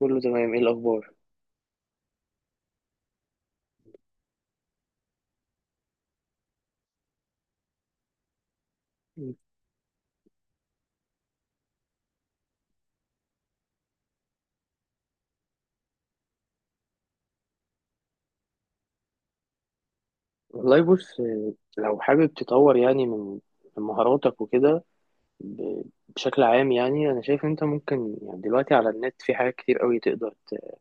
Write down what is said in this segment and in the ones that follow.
كله تمام، ايه الاخبار؟ والله بص، لو حابب تطور يعني من مهاراتك وكده. ب- بشكل عام يعني انا شايف انت ممكن يعني دلوقتي على النت في حاجات كتير قوي تقدر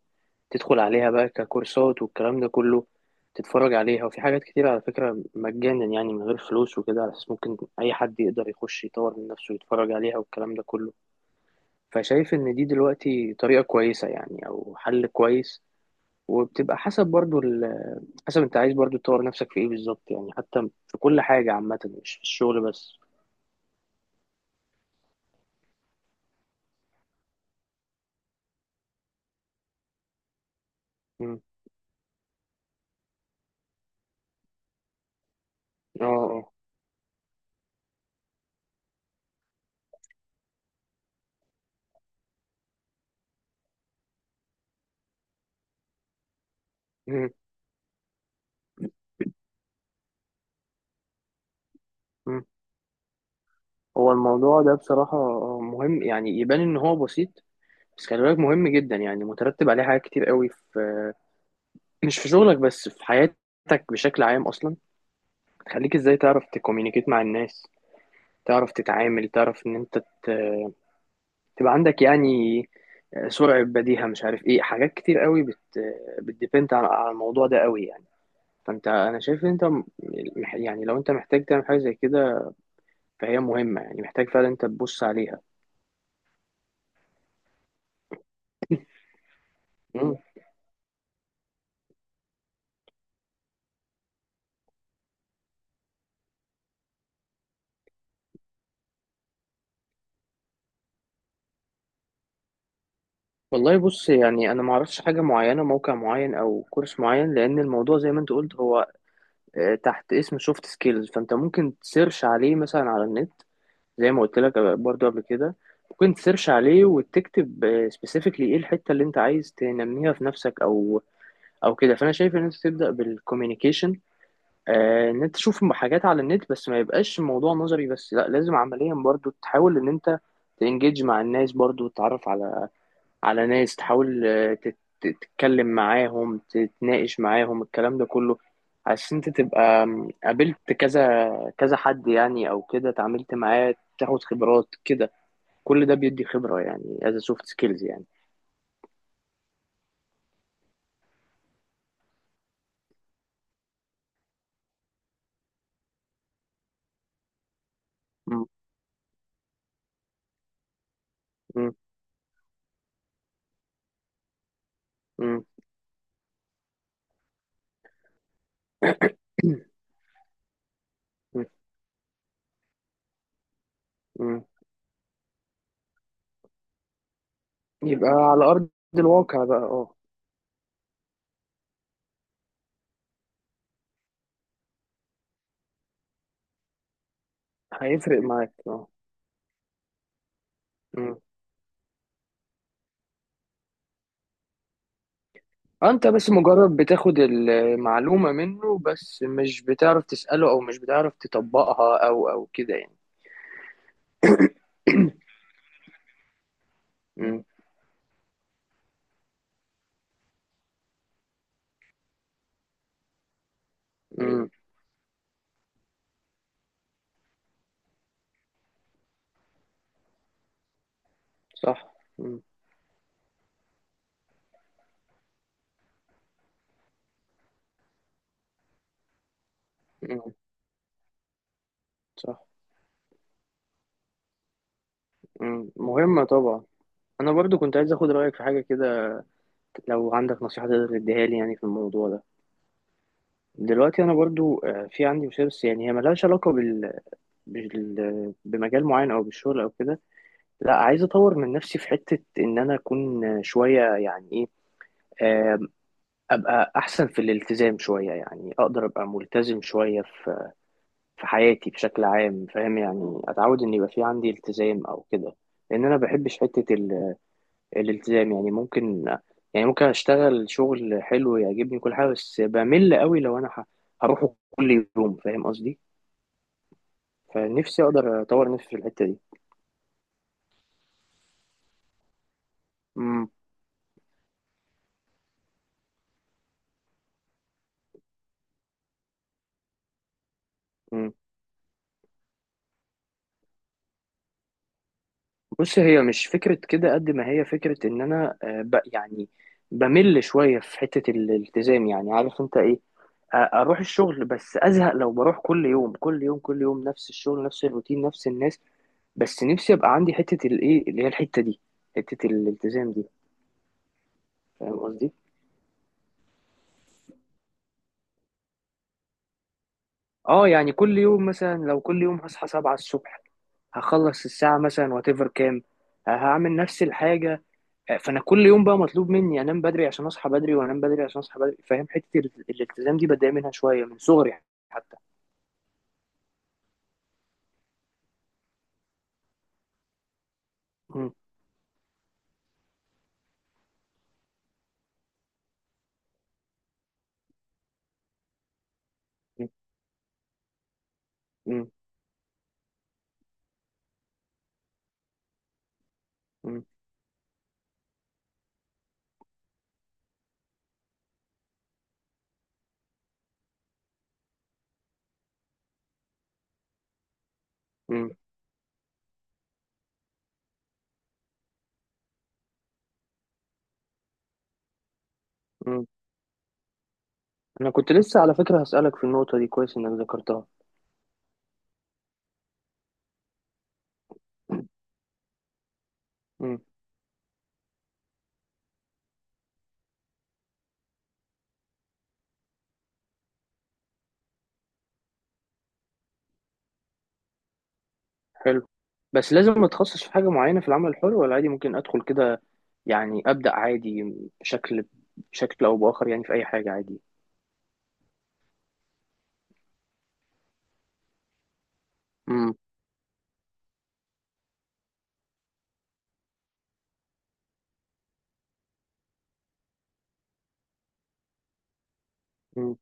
تدخل عليها بقى ككورسات والكلام ده كله، تتفرج عليها. وفي حاجات كتير على فكرة مجانا، يعني من غير فلوس وكده، على اساس ممكن اي حد يقدر يخش يطور من نفسه ويتفرج عليها والكلام ده كله. فشايف ان دي دلوقتي طريقة كويسة يعني، او حل كويس. وبتبقى حسب برضو حسب انت عايز برضو تطور نفسك في ايه بالظبط يعني، حتى في كل حاجة عامة، مش في الشغل بس. مم. اه اه. مم. مم. هو الموضوع ده بصراحة مهم، يعني يبان ان هو بسيط، بس خلي بالك مهم جدا، يعني مترتب عليه حاجات كتير قوي مش في شغلك بس في حياتك بشكل عام اصلا. تخليك ازاي تعرف تكومينيكيت مع الناس، تعرف تتعامل، تعرف ان انت تبقى عندك يعني سرعة بديهة، مش عارف ايه. حاجات كتير قوي بت آه، بتديبند على الموضوع ده قوي يعني. فانت، انا شايف ان انت يعني لو انت محتاج تعمل حاجة زي كده فهي مهمة، يعني محتاج فعلا انت تبص عليها. مم. والله بص، يعني انا ما اعرفش حاجة معينة، موقع معين او كورس معين، لان الموضوع زي ما انت قلت هو تحت اسم سوفت سكيلز. فانت ممكن تسيرش عليه مثلا على النت، زي ما قلت لك برضو قبل كده. ممكن تسيرش عليه وتكتب سبيسيفيكلي ايه الحته اللي انت عايز تنميها في نفسك او كده. فانا شايف ان انت تبدا بالكوميونيكيشن، ان انت تشوف حاجات على النت، بس ما يبقاش الموضوع نظري بس، لا لازم عمليا برضو تحاول ان انت تنجيج مع الناس، برضو تتعرف على ناس، تحاول تتكلم معاهم، تتناقش معاهم، الكلام ده كله، عشان انت تبقى قابلت كذا كذا حد يعني، او كده اتعاملت معاه، تاخد خبرات كده. كل ده بيدي خبرة يعني as a soft skills يعني. م- م- م- م- م. يبقى على أرض الواقع بقى، اه. هيفرق معاك، اه. م. انت بس مجرد بتاخد المعلومة منه، بس مش بتعرف تسأله او مش بتعرف تطبقها او كده يعني. م. م. صح. م. م. صح. م. مهمة طبعا. انا برضو كنت عايز اخد رأيك في حاجة كده، لو عندك نصيحة تقدر تديها لي يعني في الموضوع ده. دلوقتي انا برضو في عندي مشكله، بس يعني هي ملهاش علاقه بمجال معين او بالشغل او كده. لا عايز اطور من نفسي في حته ان انا اكون شويه، يعني ايه، آه، ابقى احسن في الالتزام شويه، يعني اقدر ابقى ملتزم شويه في حياتي بشكل عام، فاهم؟ يعني اتعود ان يبقى في عندي التزام او كده. لان انا بحبش حته الالتزام. يعني ممكن اشتغل شغل حلو يعجبني كل حاجه، بس بمل قوي لو انا هروحه كل يوم، فاهم قصدي؟ فنفسي اقدر اطور نفسي في الحته دي. امم أمم. بص، هي مش فكره كده قد ما هي فكره ان انا، آه، ب يعني بمل شويه في حته الالتزام، يعني عارف انت ايه؟ اروح الشغل بس ازهق، لو بروح كل يوم كل يوم كل يوم نفس الشغل، نفس الروتين، نفس الناس. بس نفسي ابقى عندي حته الايه، اللي هي الحته دي، حته الالتزام دي، فاهم قصدي؟ اه يعني كل يوم مثلا، لو كل يوم هصحى 7 الصبح، هخلص الساعه مثلا واتيفر كام، هعمل نفس الحاجة. فانا كل يوم بقى مطلوب مني انام بدري عشان اصحى بدري، وانام بدري عشان اصحى بدري. فاهم، حته الالتزام دي بتضايق منها شويه من صغري حتى. مم. مم. مم. مم. مم. انا كنت لسه على فكره هسالك في النقطه دي، كويس انك ذكرتها. مم. حلو. بس لازم اتخصص في حاجه معينه في العمل الحر، ولا عادي ممكن ادخل كده، يعني ابدا عادي، بشكل بشكل او باخر يعني، في اي حاجه عادي. مم. مم.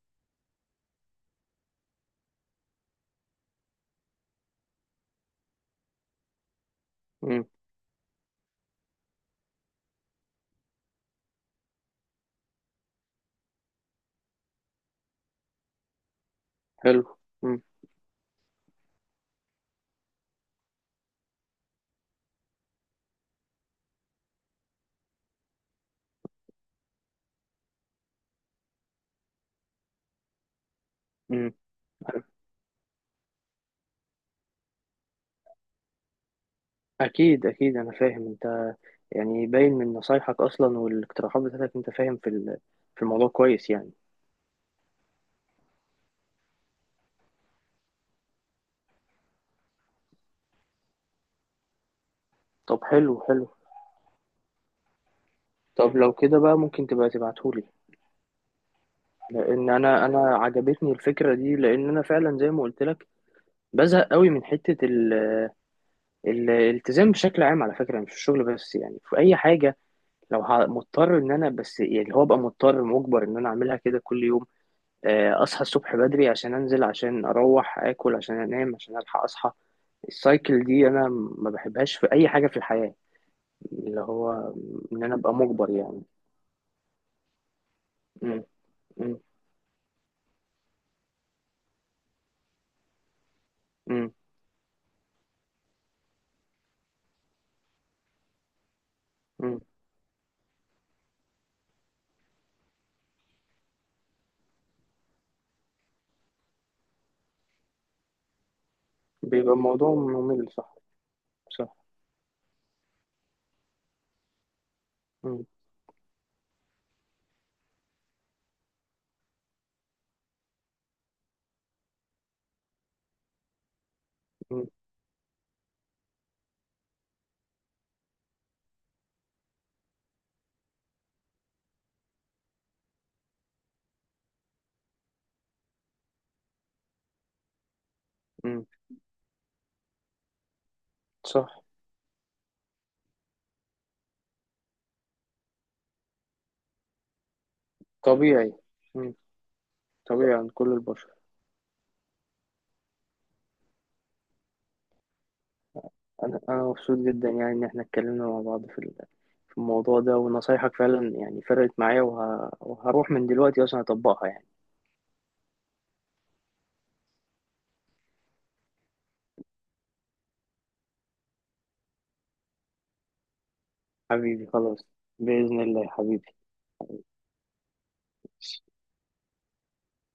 مم. حلو. مم. مم. اكيد اكيد، انا فاهم انت. يعني باين من نصايحك أصلا والاقتراحات بتاعتك، أنت فاهم في في الموضوع كويس يعني. طب حلو حلو. طب لو كده بقى، ممكن تبقى تبعتهولي؟ لأن أنا عجبتني الفكرة دي، لأن أنا فعلا زي ما قلت لك بزهق قوي من حتة الالتزام بشكل عام، على فكرة مش في الشغل بس يعني، في أي حاجة. لو مضطر إن أنا، بس يعني اللي هو، أبقى مضطر مجبر إن أنا أعملها كده كل يوم. اصحى الصبح بدري عشان انزل، عشان اروح اكل، عشان انام عشان الحق اصحى. السايكل دي انا ما بحبهاش في اي حاجه في الحياه، اللي هو ان انا ابقى مجبر يعني. م- م- م- م. بيبقى الموضوع ممل، صح. صح. م- م- م. صح. طبيعي. م. طبيعي عند كل البشر. انا مبسوط جدا يعني ان احنا اتكلمنا مع بعض في في الموضوع ده، ونصايحك فعلا يعني فرقت معايا، وهروح من دلوقتي اصلا اطبقها يعني. حبيبي خلاص. بإذن الله حبيبي.